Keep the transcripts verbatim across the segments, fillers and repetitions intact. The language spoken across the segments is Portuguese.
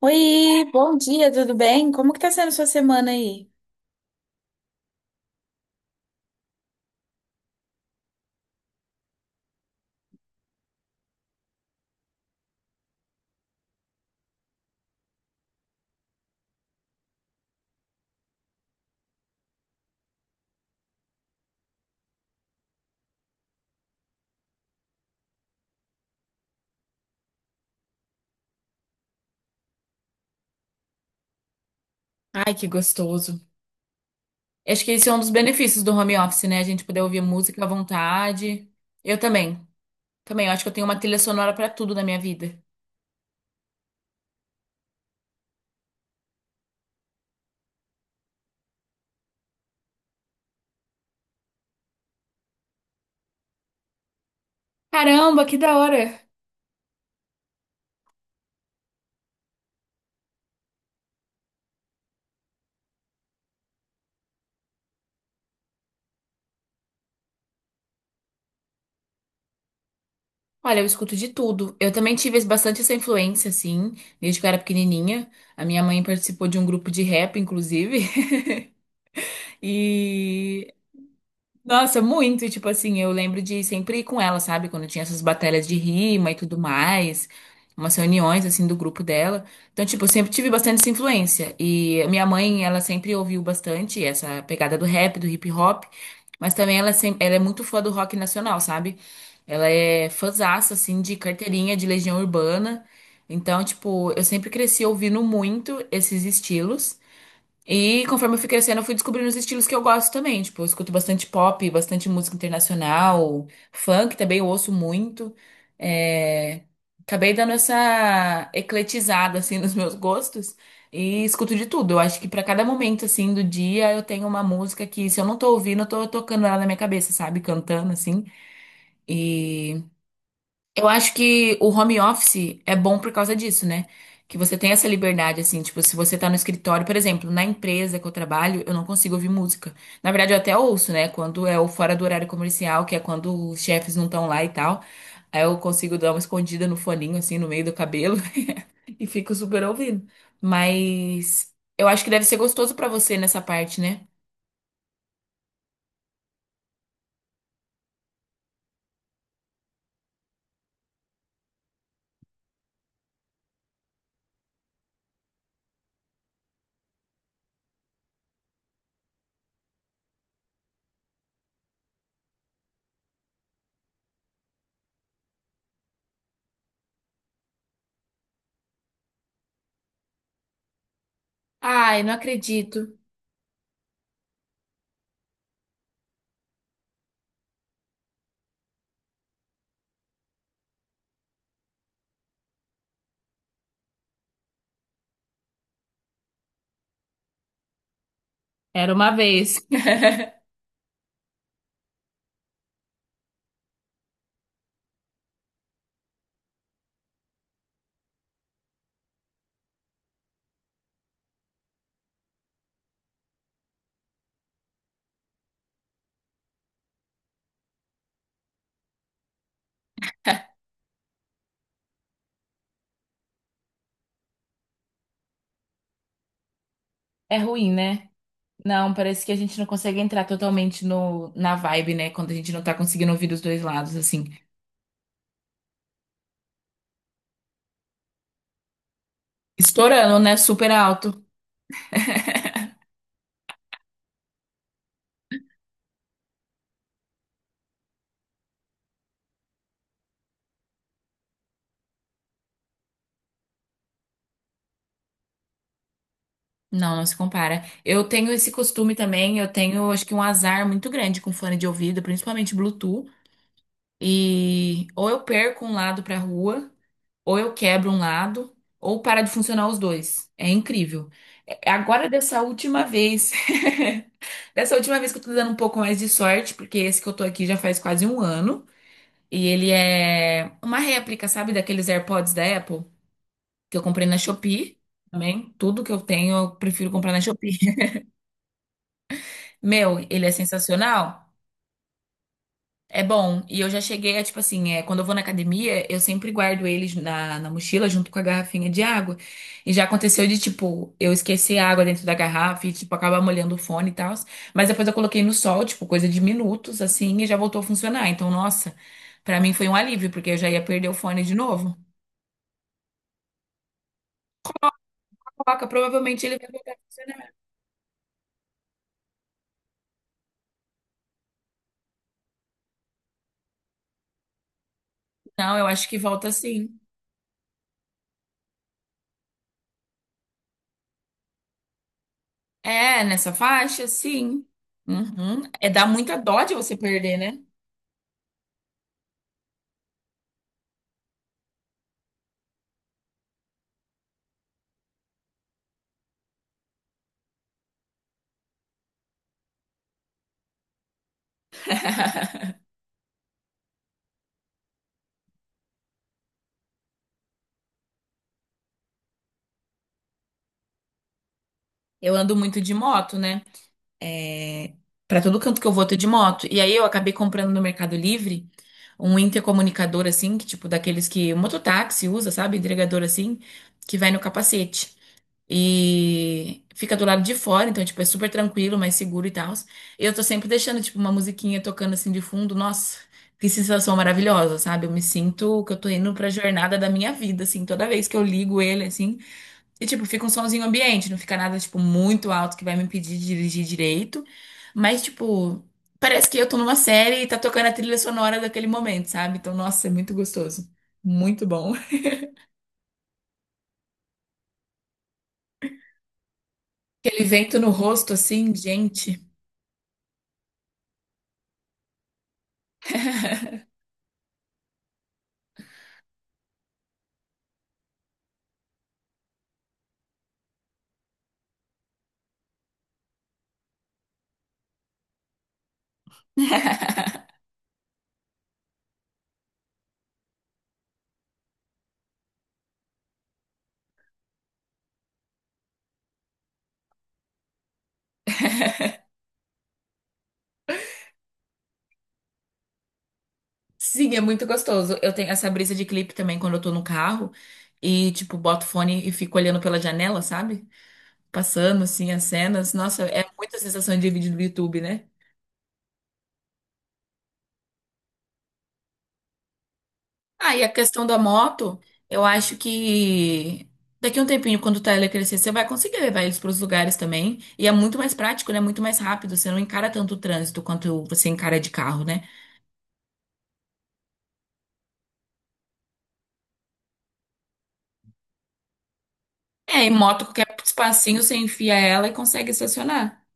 Oi, bom dia, tudo bem? Como que tá sendo sua semana aí? Ai, que gostoso. Acho que esse é um dos benefícios do home office, né? A gente poder ouvir música à vontade. Eu também. Também, eu acho que eu tenho uma trilha sonora pra tudo na minha vida. Caramba, que da hora! Olha, eu escuto de tudo. Eu também tive bastante essa influência, assim, desde que eu era pequenininha. A minha mãe participou de um grupo de rap, inclusive. E Nossa, muito. E, Tipo assim, eu lembro de sempre ir com ela, sabe? Quando tinha essas batalhas de rima e tudo mais, umas reuniões, assim, do grupo dela. Então, tipo, eu sempre tive bastante essa influência. E minha mãe, ela sempre ouviu bastante essa pegada do rap, do hip hop. Mas também ela, sempre, ela é muito fã do rock nacional, sabe? Ela é fãzaça, assim, de carteirinha, de Legião Urbana. Então, tipo, eu sempre cresci ouvindo muito esses estilos. E conforme eu fui crescendo, eu fui descobrindo os estilos que eu gosto também. Tipo, eu escuto bastante pop, bastante música internacional, funk também eu ouço muito. É, Acabei dando essa ecletizada, assim, nos meus gostos e escuto de tudo. Eu acho que pra cada momento, assim, do dia, eu tenho uma música que, se eu não tô ouvindo, eu tô tocando ela na minha cabeça, sabe? Cantando, assim. E eu acho que o home office é bom por causa disso, né? Que você tem essa liberdade, assim, tipo, se você tá no escritório, por exemplo, na empresa que eu trabalho, eu não consigo ouvir música. Na verdade, eu até ouço, né? Quando é o fora do horário comercial, que é quando os chefes não estão lá e tal. Aí eu consigo dar uma escondida no foninho, assim, no meio do cabelo e fico super ouvindo. Mas eu acho que deve ser gostoso pra você nessa parte, né? Ai, não acredito. Era uma vez. É ruim, né? Não, parece que a gente não consegue entrar totalmente no, na vibe, né? Quando a gente não tá conseguindo ouvir dos dois lados, assim. Estourando, né? Super alto. Não, não se compara. Eu tenho esse costume também, eu tenho, acho que um azar muito grande com fone de ouvido, principalmente Bluetooth. E ou eu perco um lado pra rua, ou eu quebro um lado, ou para de funcionar os dois. É incrível. É- Agora, dessa última vez, dessa última vez que eu tô dando um pouco mais de sorte, porque esse que eu tô aqui já faz quase um ano. E ele é uma réplica, sabe, daqueles AirPods da Apple, que eu comprei na Shopee também. Tudo que eu tenho, eu prefiro comprar na Shopee. Meu, ele é sensacional. É bom. E eu já cheguei a, tipo assim, é, quando eu vou na academia, eu sempre guardo eles na, na mochila junto com a garrafinha de água. E já aconteceu de, tipo, eu esquecer a água dentro da garrafa e, tipo, acabar molhando o fone e tal. Mas depois eu coloquei no sol, tipo, coisa de minutos, assim, e já voltou a funcionar. Então, nossa, pra mim foi um alívio, porque eu já ia perder o fone de novo. Coloca, provavelmente ele vai voltar a funcionar. Não, eu acho que volta sim. É, nessa faixa, sim. Uhum. É, dá muita dó de você perder, né? Eu ando muito de moto, né? É, para todo canto que eu vou, eu tô de moto. E aí eu acabei comprando no Mercado Livre um intercomunicador assim, que tipo daqueles que o mototáxi usa, sabe? Entregador assim, que vai no capacete. E fica do lado de fora, então, tipo, é super tranquilo, mais seguro e tal. Eu tô sempre deixando, tipo, uma musiquinha tocando assim de fundo. Nossa, que sensação maravilhosa, sabe? Eu me sinto que eu tô indo pra jornada da minha vida, assim, toda vez que eu ligo ele, assim. E, tipo, fica um sonzinho ambiente, não fica nada, tipo, muito alto que vai me impedir de dirigir direito. Mas, tipo, parece que eu tô numa série e tá tocando a trilha sonora daquele momento, sabe? Então, nossa, é muito gostoso. Muito bom. Aquele vento no rosto, assim, gente. Sim, é muito gostoso. Eu tenho essa brisa de clipe também quando eu tô no carro e, tipo, boto o fone e fico olhando pela janela, sabe? Passando, assim, as cenas. Nossa, é muita sensação de vídeo do YouTube, né? Ah, e a questão da moto, eu acho que daqui a um tempinho, quando o Tyler crescer, você vai conseguir levar eles para os lugares também. E é muito mais prático, né? Muito mais rápido. Você não encara tanto o trânsito quanto você encara de carro, né? É, e moto, qualquer espacinho, você enfia ela e consegue estacionar.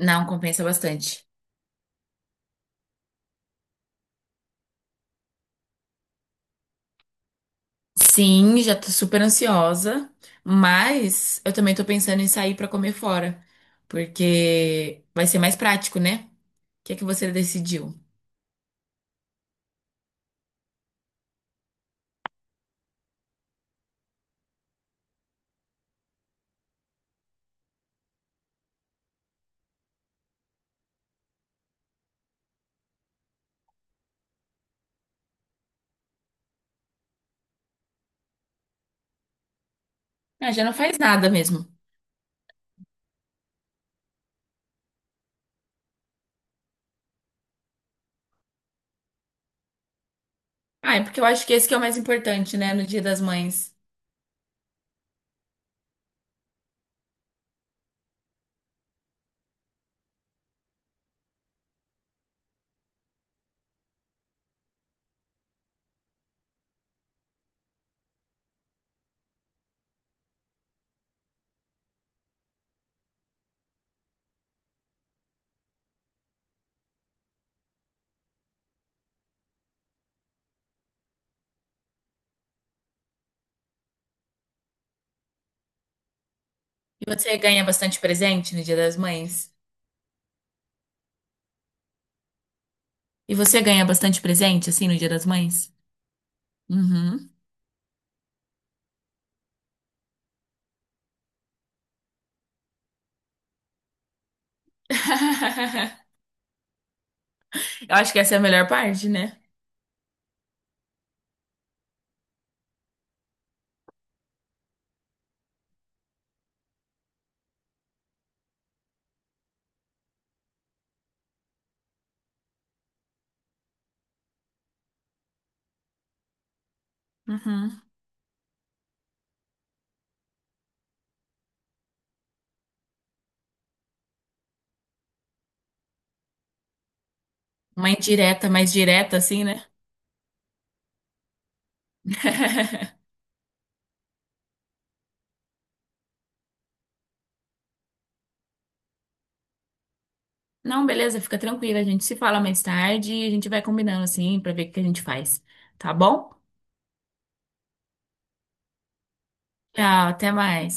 Não, compensa bastante. Sim, já tô super ansiosa, mas eu também tô pensando em sair pra comer fora, porque vai ser mais prático, né? O que é que você decidiu? Ah, já não faz nada mesmo. Ah, é porque eu acho que esse que é o mais importante, né, no Dia das Mães. E você ganha bastante presente no Dia das Mães? E você ganha bastante presente, assim, no Dia das Mães? Uhum. Eu acho que essa é a melhor parte, né? Uhum. Uma indireta mais direta, assim, né? Não, beleza, fica tranquila. A gente se fala mais tarde e a gente vai combinando assim pra ver o que a gente faz. Tá bom? Tchau, até mais.